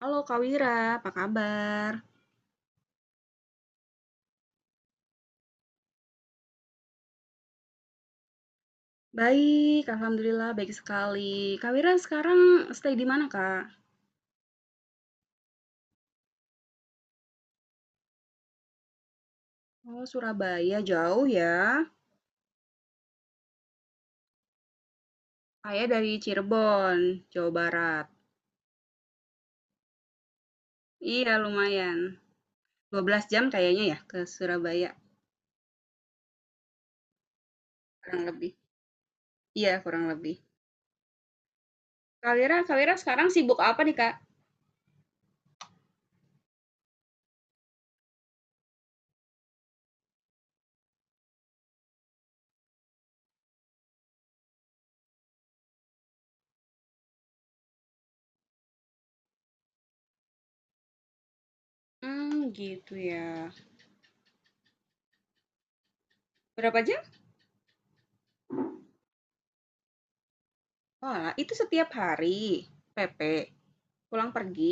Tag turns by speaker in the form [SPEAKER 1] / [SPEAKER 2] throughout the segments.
[SPEAKER 1] Halo Kak Wira, apa kabar? Baik, Alhamdulillah baik sekali. Kak Wira sekarang stay di mana Kak? Oh, Surabaya jauh ya. Saya dari Cirebon, Jawa Barat. Iya, lumayan. 12 jam kayaknya ya ke Surabaya, kurang lebih. Iya, kurang lebih. Kak Wira sekarang sibuk apa nih Kak? Hmm, gitu ya. Berapa jam? Oh, lah, itu setiap hari. PP, pulang pergi.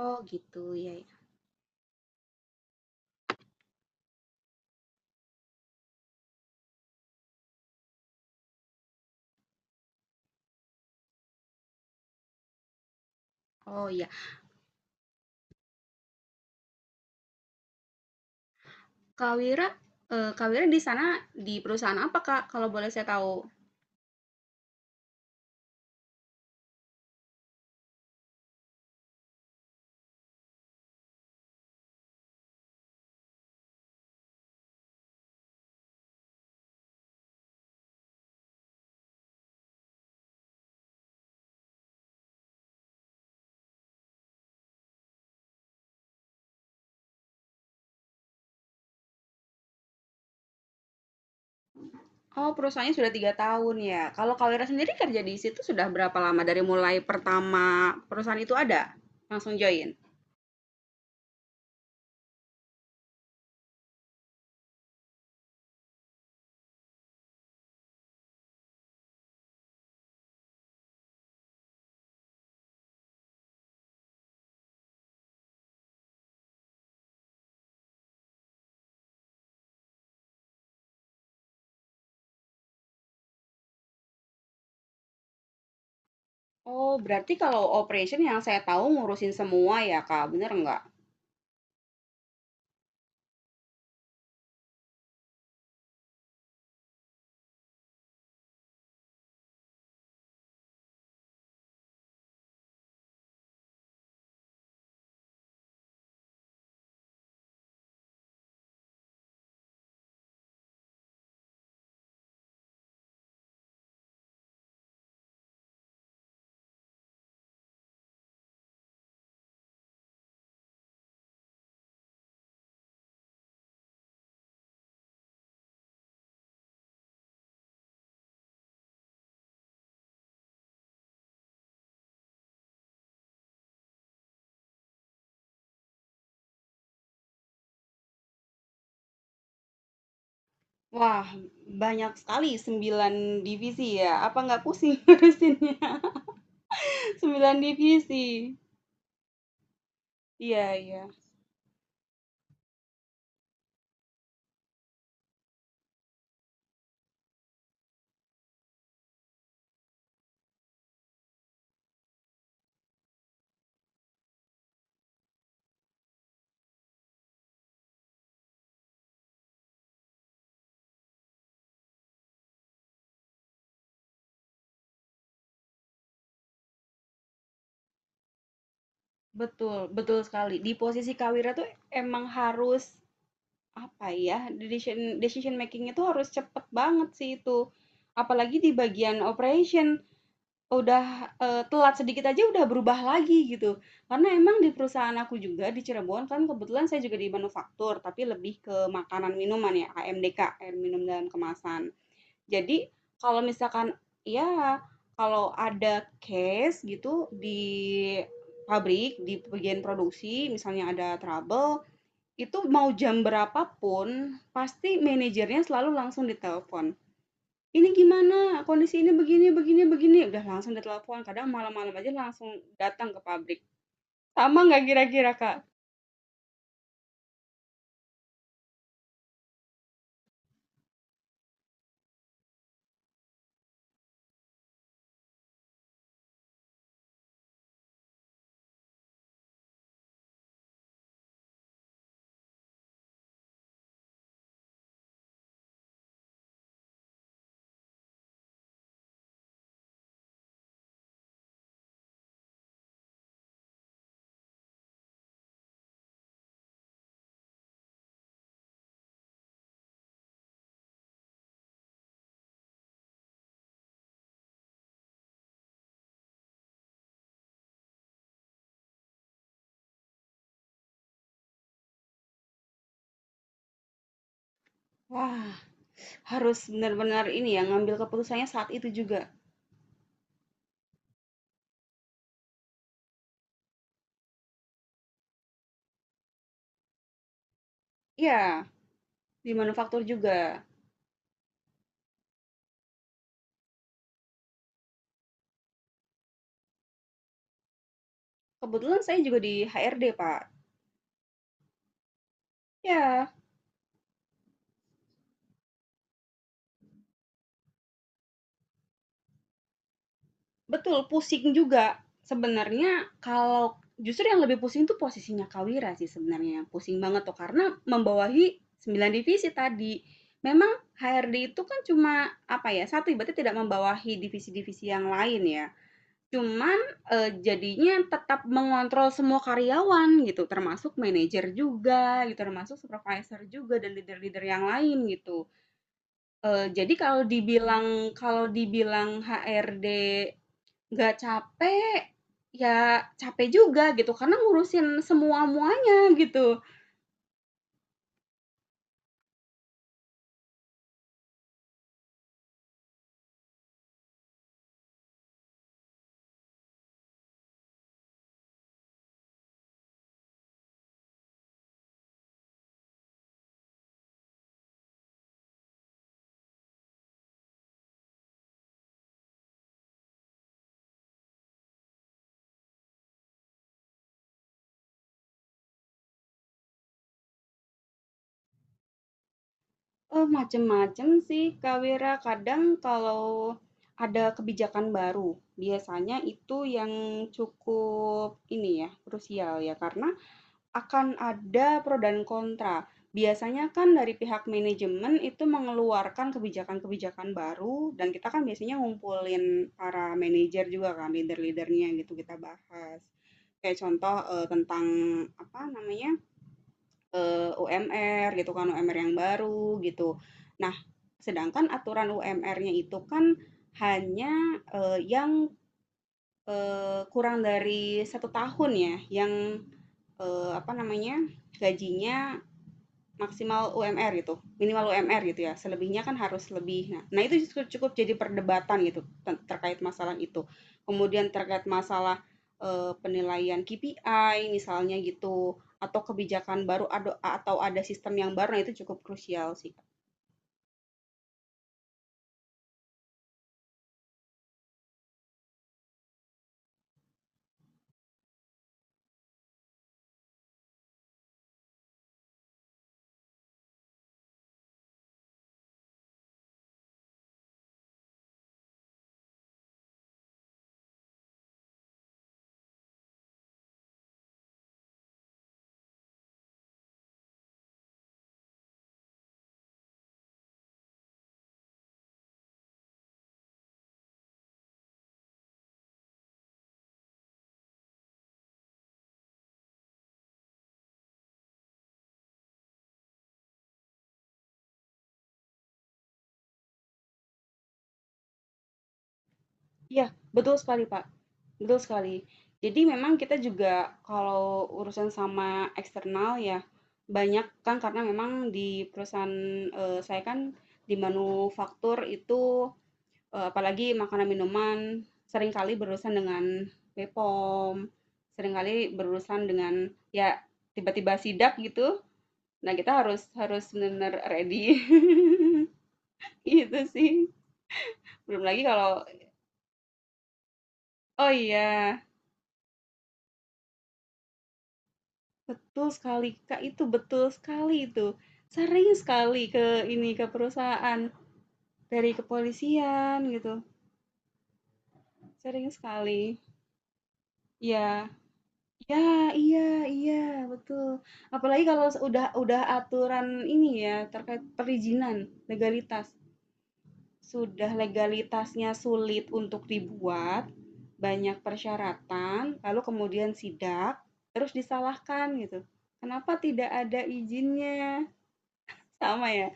[SPEAKER 1] Oh, gitu ya. Oh, Kak Wira, Kak Wira di sana di perusahaan apa, Kak? Kalau boleh saya tahu. Oh, perusahaannya sudah 3 tahun ya. Kalau Kak Wira sendiri kerja di situ sudah berapa lama dari mulai pertama perusahaan itu ada? Langsung join? Oh, berarti kalau operation yang saya tahu ngurusin semua ya, Kak, bener nggak? Wah, banyak sekali 9 divisi ya. Apa nggak pusing ngurusinnya? Sembilan divisi. Iya, iya. Betul, betul sekali. Di posisi Kawira tuh emang harus. Apa ya, decision decision making itu harus cepet banget sih itu. Apalagi di bagian operation, udah, telat sedikit aja udah berubah lagi gitu. Karena emang di perusahaan aku juga di Cirebon kan kebetulan saya juga di manufaktur, tapi lebih ke makanan minuman ya, AMDK, air minum dalam kemasan. Jadi kalau misalkan ya kalau ada case gitu di pabrik, di bagian produksi misalnya ada trouble, itu mau jam berapapun pasti manajernya selalu langsung ditelepon, "Ini gimana? Kondisi ini begini begini begini." Udah langsung ditelepon, kadang malam-malam aja langsung datang ke pabrik. Sama nggak kira-kira, Kak? Wah, harus benar-benar ini ya, ngambil keputusannya saat itu juga. Ya di manufaktur juga. Kebetulan saya juga di HRD, Pak. Ya. Betul, pusing juga. Sebenarnya kalau justru yang lebih pusing tuh posisinya Kawira sih sebenarnya, yang pusing banget tuh karena membawahi 9 divisi tadi. Memang HRD itu kan cuma apa ya, satu berarti tidak membawahi divisi-divisi yang lain ya. Cuman, jadinya tetap mengontrol semua karyawan gitu, termasuk manajer juga gitu, termasuk supervisor juga dan leader-leader yang lain gitu. Jadi kalau dibilang HRD, nggak capek, ya capek juga gitu, karena ngurusin semua-muanya gitu. Macem-macem sih, Kak Wira. Kadang kalau ada kebijakan baru, biasanya itu yang cukup ini ya, krusial ya, karena akan ada pro dan kontra. Biasanya kan dari pihak manajemen itu mengeluarkan kebijakan-kebijakan baru dan kita kan biasanya ngumpulin para manajer juga kan, leader-leadernya gitu kita bahas. Kayak contoh, tentang apa namanya, UMR gitu kan, UMR yang baru gitu. Nah, sedangkan aturan UMR-nya itu kan hanya, yang, kurang dari satu tahun ya, yang apa namanya, gajinya maksimal UMR gitu, minimal UMR gitu ya, selebihnya kan harus lebih. Nah nah itu justru cukup jadi perdebatan gitu terkait masalah itu. Kemudian terkait masalah, penilaian KPI misalnya gitu, atau kebijakan baru atau ada sistem yang baru, nah itu cukup krusial sih, Kak. Iya, betul sekali, Pak. Betul sekali. Jadi memang kita juga kalau urusan sama eksternal ya banyak kan karena memang di perusahaan, saya kan di manufaktur itu, apalagi makanan minuman seringkali berurusan dengan BPOM, seringkali berurusan dengan ya tiba-tiba sidak gitu. Nah kita harus harus benar-benar ready. Gitu sih. Belum lagi kalau oh iya. Betul sekali, Kak, itu betul sekali itu. Sering sekali ke ini, ke perusahaan, dari kepolisian gitu, sering sekali. Iya. Ya, iya iya, betul. Apalagi kalau udah aturan ini ya, terkait perizinan, legalitas. Sudah legalitasnya sulit untuk dibuat, banyak persyaratan, lalu kemudian sidak, terus disalahkan gitu. Kenapa tidak ada izinnya? Sama ya?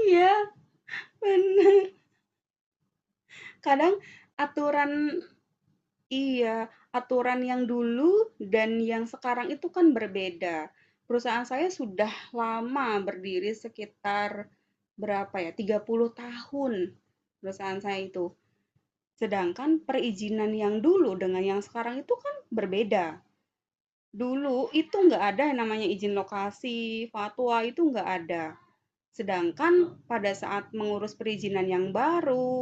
[SPEAKER 1] Iya. Bener. Kadang aturan iya, aturan yang dulu dan yang sekarang itu kan berbeda. Perusahaan saya sudah lama berdiri sekitar berapa ya, 30 tahun perusahaan saya itu. Sedangkan perizinan yang dulu dengan yang sekarang itu kan berbeda. Dulu itu nggak ada yang namanya izin lokasi, fatwa itu nggak ada. Sedangkan pada saat mengurus perizinan yang baru,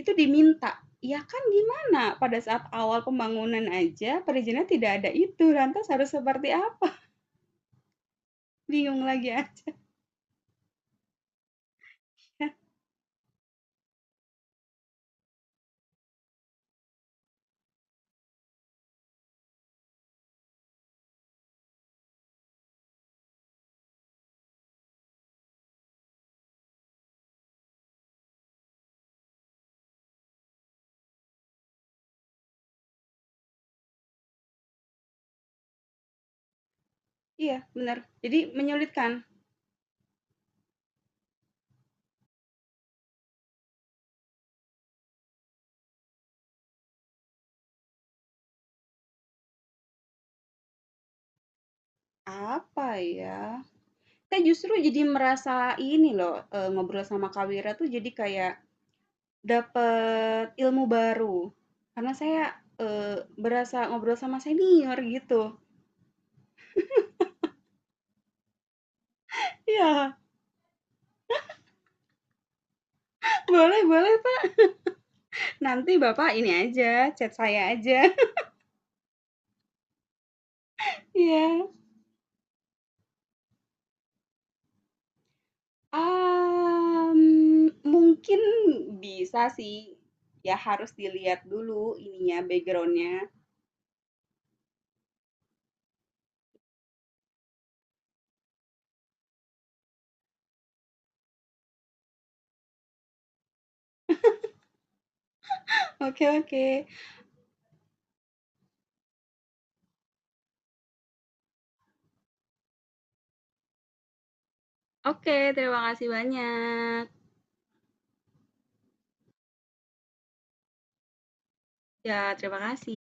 [SPEAKER 1] itu diminta. Ya kan gimana, pada saat awal pembangunan aja perizinan tidak ada itu, lantas harus seperti apa? Bingung lagi aja. Iya, benar. Jadi menyulitkan. Apa ya? Saya justru jadi merasa ini loh, ngobrol sama Kak Wira tuh jadi kayak dapet ilmu baru. Karena saya, berasa ngobrol sama senior gitu. Iya, boleh boleh. Nanti Bapak ini aja, chat saya aja. Iya, mungkin bisa sih. Ya harus dilihat dulu ininya, backgroundnya. Oke oke. Oke, terima kasih banyak. Ya, terima kasih.